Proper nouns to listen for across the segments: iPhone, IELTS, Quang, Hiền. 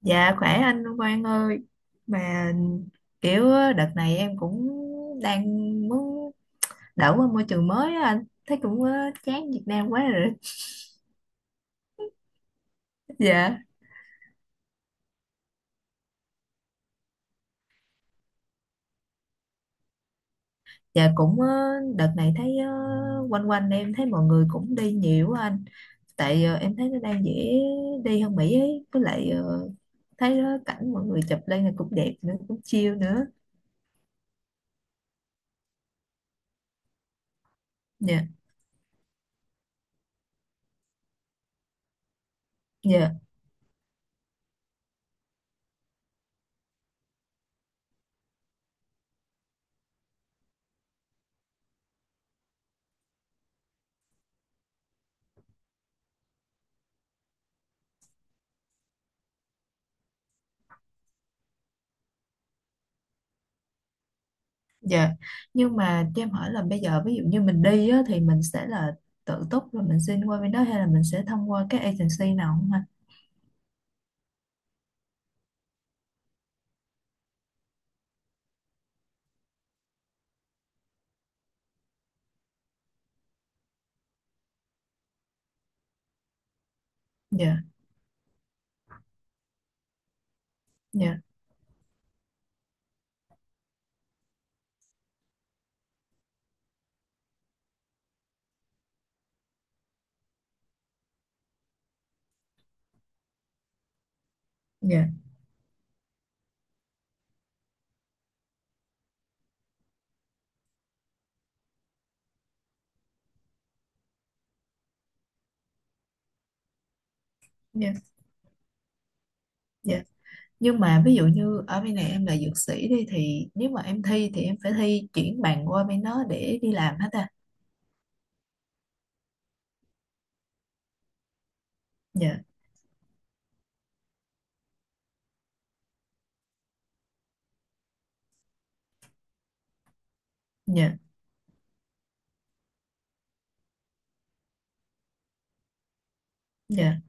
Dạ, khỏe anh Quang ơi. Mà kiểu á, đợt này em cũng đang muốn đổi qua môi trường mới á anh. Thấy cũng chán Việt Nam quá rồi. Dạ. Dạ cũng đợt này thấy quanh quanh em thấy mọi người cũng đi nhiều á anh. Tại em thấy nó đang dễ đi hơn Mỹ ấy. Với lại thấy đó, cảnh mọi người chụp lên là cũng đẹp nữa, cũng chill nữa. Dạ. Dạ. Dạ, nhưng mà cho em hỏi là bây giờ ví dụ như mình đi á, thì mình sẽ là tự túc rồi mình xin qua bên đó hay là mình sẽ thông qua các agency nào không anh? Dạ, dạ, dạ, dạ, dạ. Nhưng mà ví dụ như ở bên này em là dược sĩ đi thì nếu mà em thi thì em phải thi chuyển bằng qua bên đó để đi làm hết à? Dạ, dạ, dạ,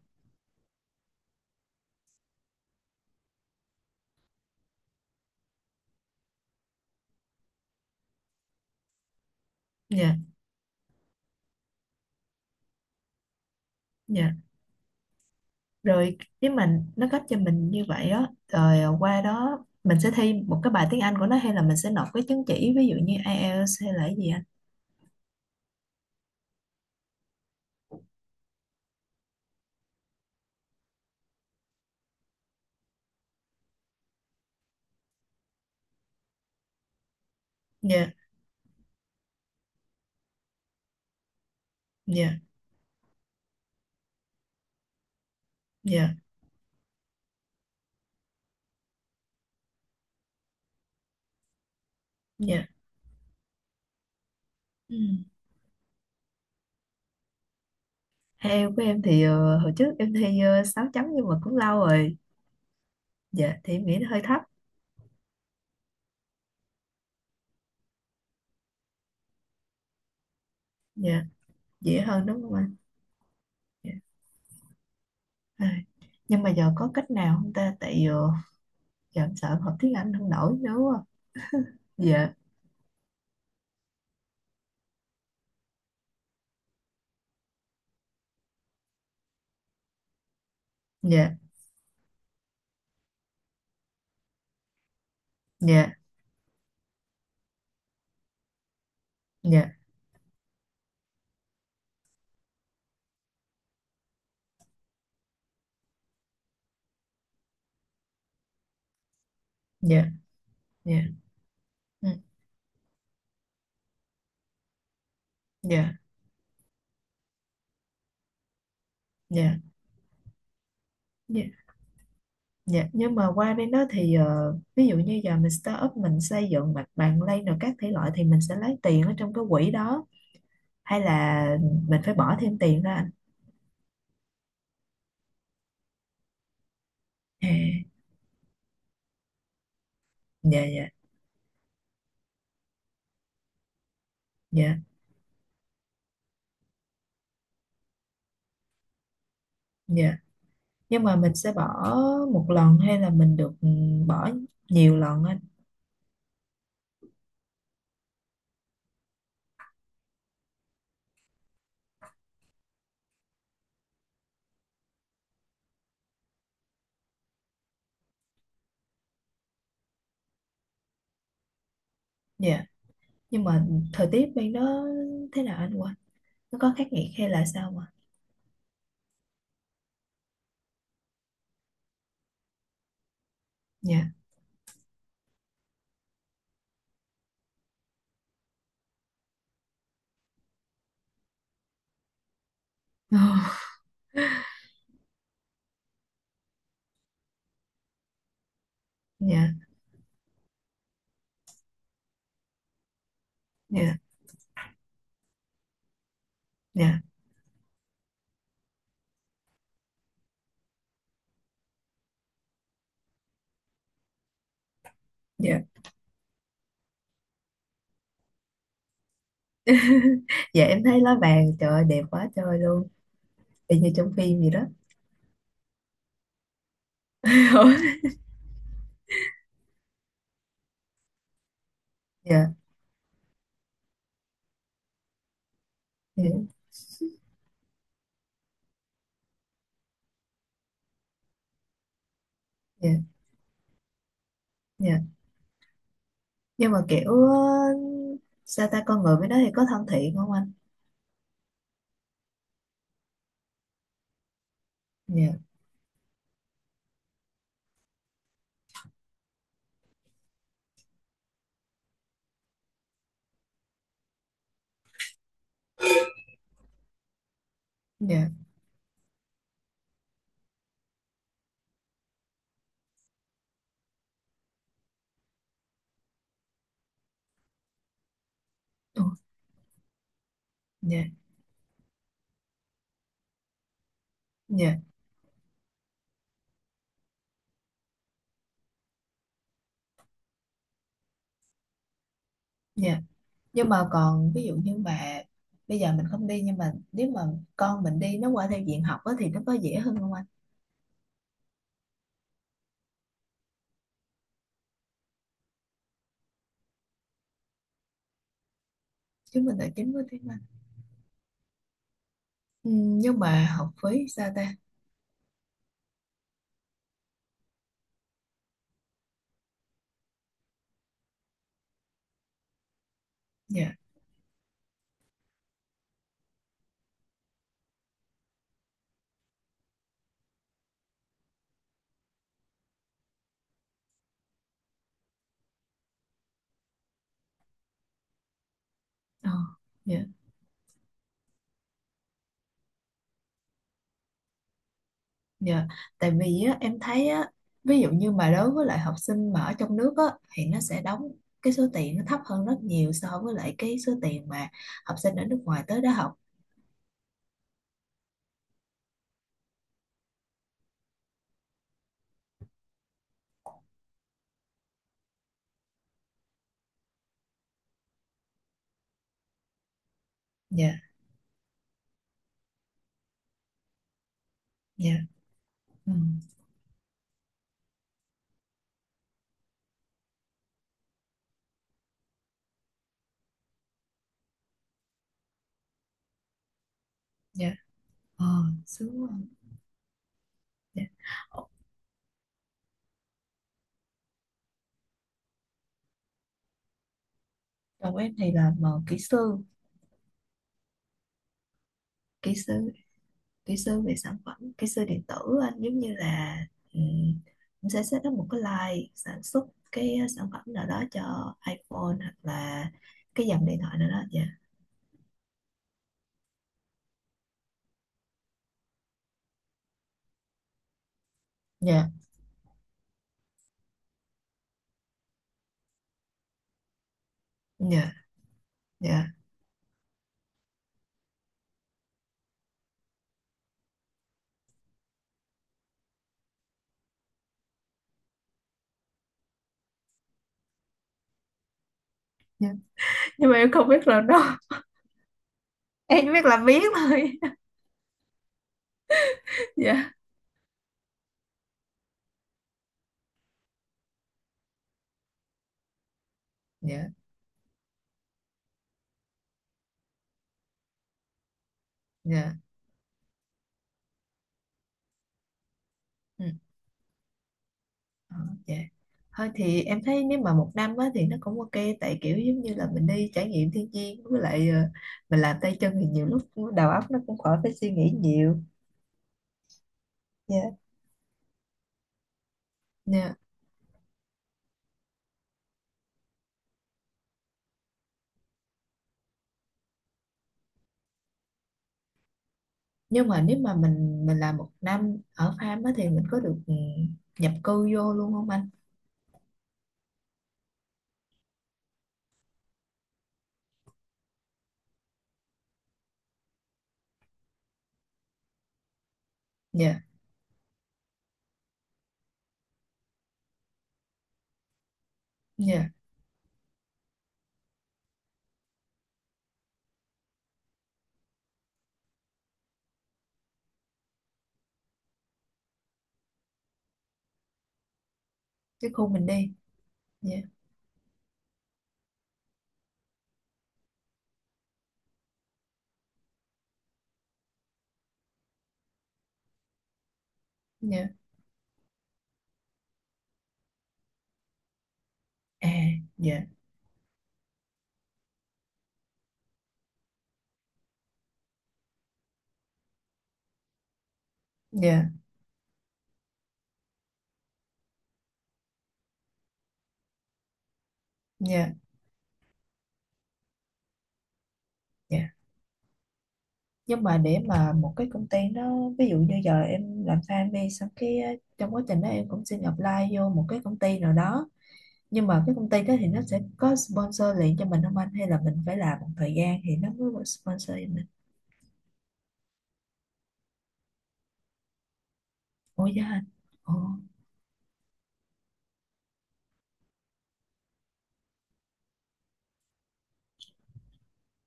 dạ, dạ. Rồi nếu mà nó cấp cho mình như vậy đó, rồi qua đó mình sẽ thi một cái bài tiếng Anh của nó hay là mình sẽ nộp cái chứng chỉ ví dụ như IELTS hay là cái gì anh? Dạ, dạ. Dạ, dạ, ừ. Theo của em thì hồi trước em thi 6 chấm nhưng mà cũng lâu rồi. Dạ, thì em nghĩ nó hơi thấp. Dạ, dễ hơn đúng không anh? Dạ. À, nhưng mà giờ có cách nào không ta, tại giờ em sợ em học tiếng Anh không nổi nữa quá. Dạ, dạ, dạ, dạ, dạ, dạ, ừ, dạ, dạ, dạ, dạ. Nhưng mà qua bên đó thì ví dụ như giờ mình start up, mình xây dựng mặt bằng lay rồi các thể loại thì mình sẽ lấy tiền ở trong cái quỹ đó hay là mình phải bỏ thêm tiền ra anh? À. Dạ, dạ, dạ, dạ. Nhưng mà mình sẽ bỏ một lần hay là mình được bỏ nhiều lần anh? Dạ, nhưng mà thời tiết bên đó thế nào anh quên, nó có khắc nghiệt hay là sao mà? Dạ. Dạ, dạ, dạ, dạ. Dạ, em thấy lá vàng trời ơi, đẹp quá trời luôn. Y như trong phim gì đó. Dạ, dạ, dạ, dạ. Nhưng mà kiểu sao ta, con người với nó thì có thân thiện không anh? Dạ, dạ. Ồ, dạ, dạ, dạ. Nhưng mà còn ví dụ như mà bây giờ mình không đi nhưng mà nếu mà con mình đi, nó qua theo diện học á thì nó có dễ hơn không anh? Chứng minh tài chính, có tiếng Anh. Ừ, nhưng mà học phí sao ta? Dạ, ờ, dạ, dạ. Tại vì á, em thấy á, ví dụ như mà đối với lại học sinh mà ở trong nước á thì nó sẽ đóng cái số tiền nó thấp hơn rất nhiều so với lại cái số tiền mà học sinh ở nước ngoài tới đó học. Dạ, dạ, ừ, dạ. ờ Sướng quá. Dạ. Chồng em thì là mà kỹ sư, kỹ sư kỹ sư về sản phẩm, kỹ sư điện tử. Anh giống như là um, em sẽ set up một cái line sản xuất cái sản phẩm nào đó cho iPhone hoặc là cái dòng điện thoại nào đó. Dạ. Dạ, dạ, dạ, dạ. Nhưng mà em không biết làm đâu. Em chỉ biết làm biếng thôi. Dạ, dạ, dạ, ừ. ờ, dạ, thôi thì em thấy nếu mà một năm á, thì nó cũng ok. Tại kiểu giống như là mình đi trải nghiệm thiên nhiên với lại mình làm tay chân thì nhiều lúc đầu óc nó cũng khỏi phải suy nghĩ nhiều. Dạ. Dạ. Nhưng mà nếu mà mình làm một năm ở farm á thì mình có được nhập cư vô luôn không anh? Dạ, dạ, cái khu mình đi. Dạ, dạ, à, dạ, dạ, dạ, dạ. Nhưng mà để mà một cái công ty nó ví dụ như giờ em làm farm đi, xong cái trong quá trình đó em cũng xin apply vô một cái công ty nào đó. Nhưng mà cái công ty đó thì nó sẽ có sponsor liền cho mình không anh hay là mình phải làm một thời gian thì nó mới có sponsor cho mình? Ôi, dạ anh. Ồ,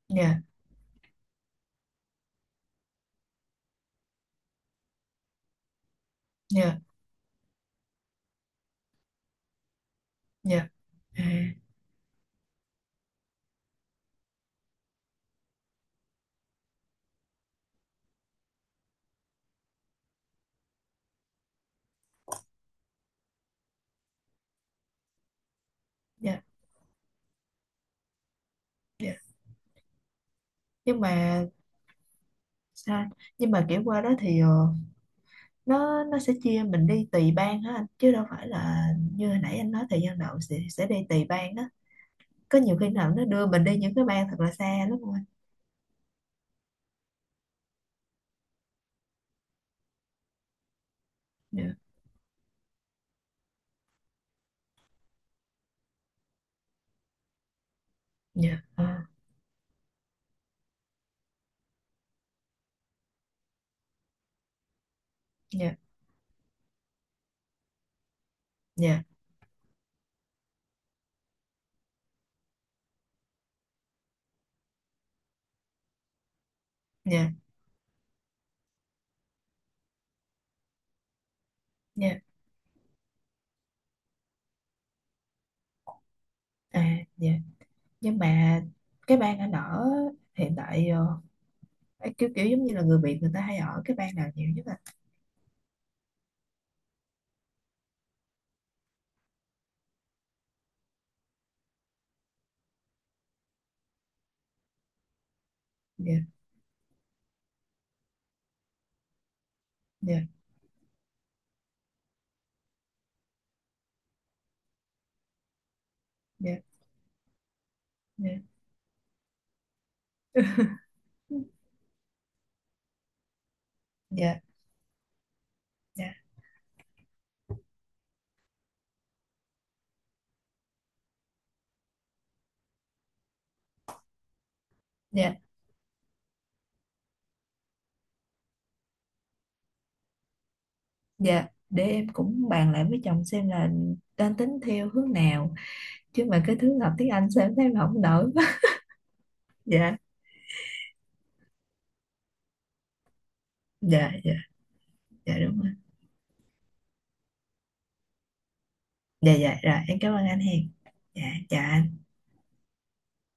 dạ, dạ, dạ, à, dạ, dạ. nhưng mà sao nhưng mà kiểu qua đó thì nó sẽ chia mình đi tùy bang hả anh, chứ đâu phải là như hồi nãy anh nói thời gian đầu sẽ đi tùy bang đó. Có nhiều khi nào nó đưa mình đi những cái bang thật là xa lắm không anh? Dạ, dạ, dạ, dạ, dạ, dạ, à, dạ. Nhưng mà cái bang anh ở hiện tại ấy, kiểu kiểu giống như là người Việt người ta hay ở cái bang nào nhiều nhất à? Dạ, dạ, dạ, dạ, dạ, dạ, dạ, dạ. Dạ, để em cũng bàn lại với chồng xem là đang tính theo hướng nào. Chứ mà cái thứ học tiếng Anh sao em thấy mà không nổi quá. Dạ, dạ, dạ, dạ, đúng rồi. Dạ, dạ, rồi em cảm ơn anh Hiền. Dạ, chào anh.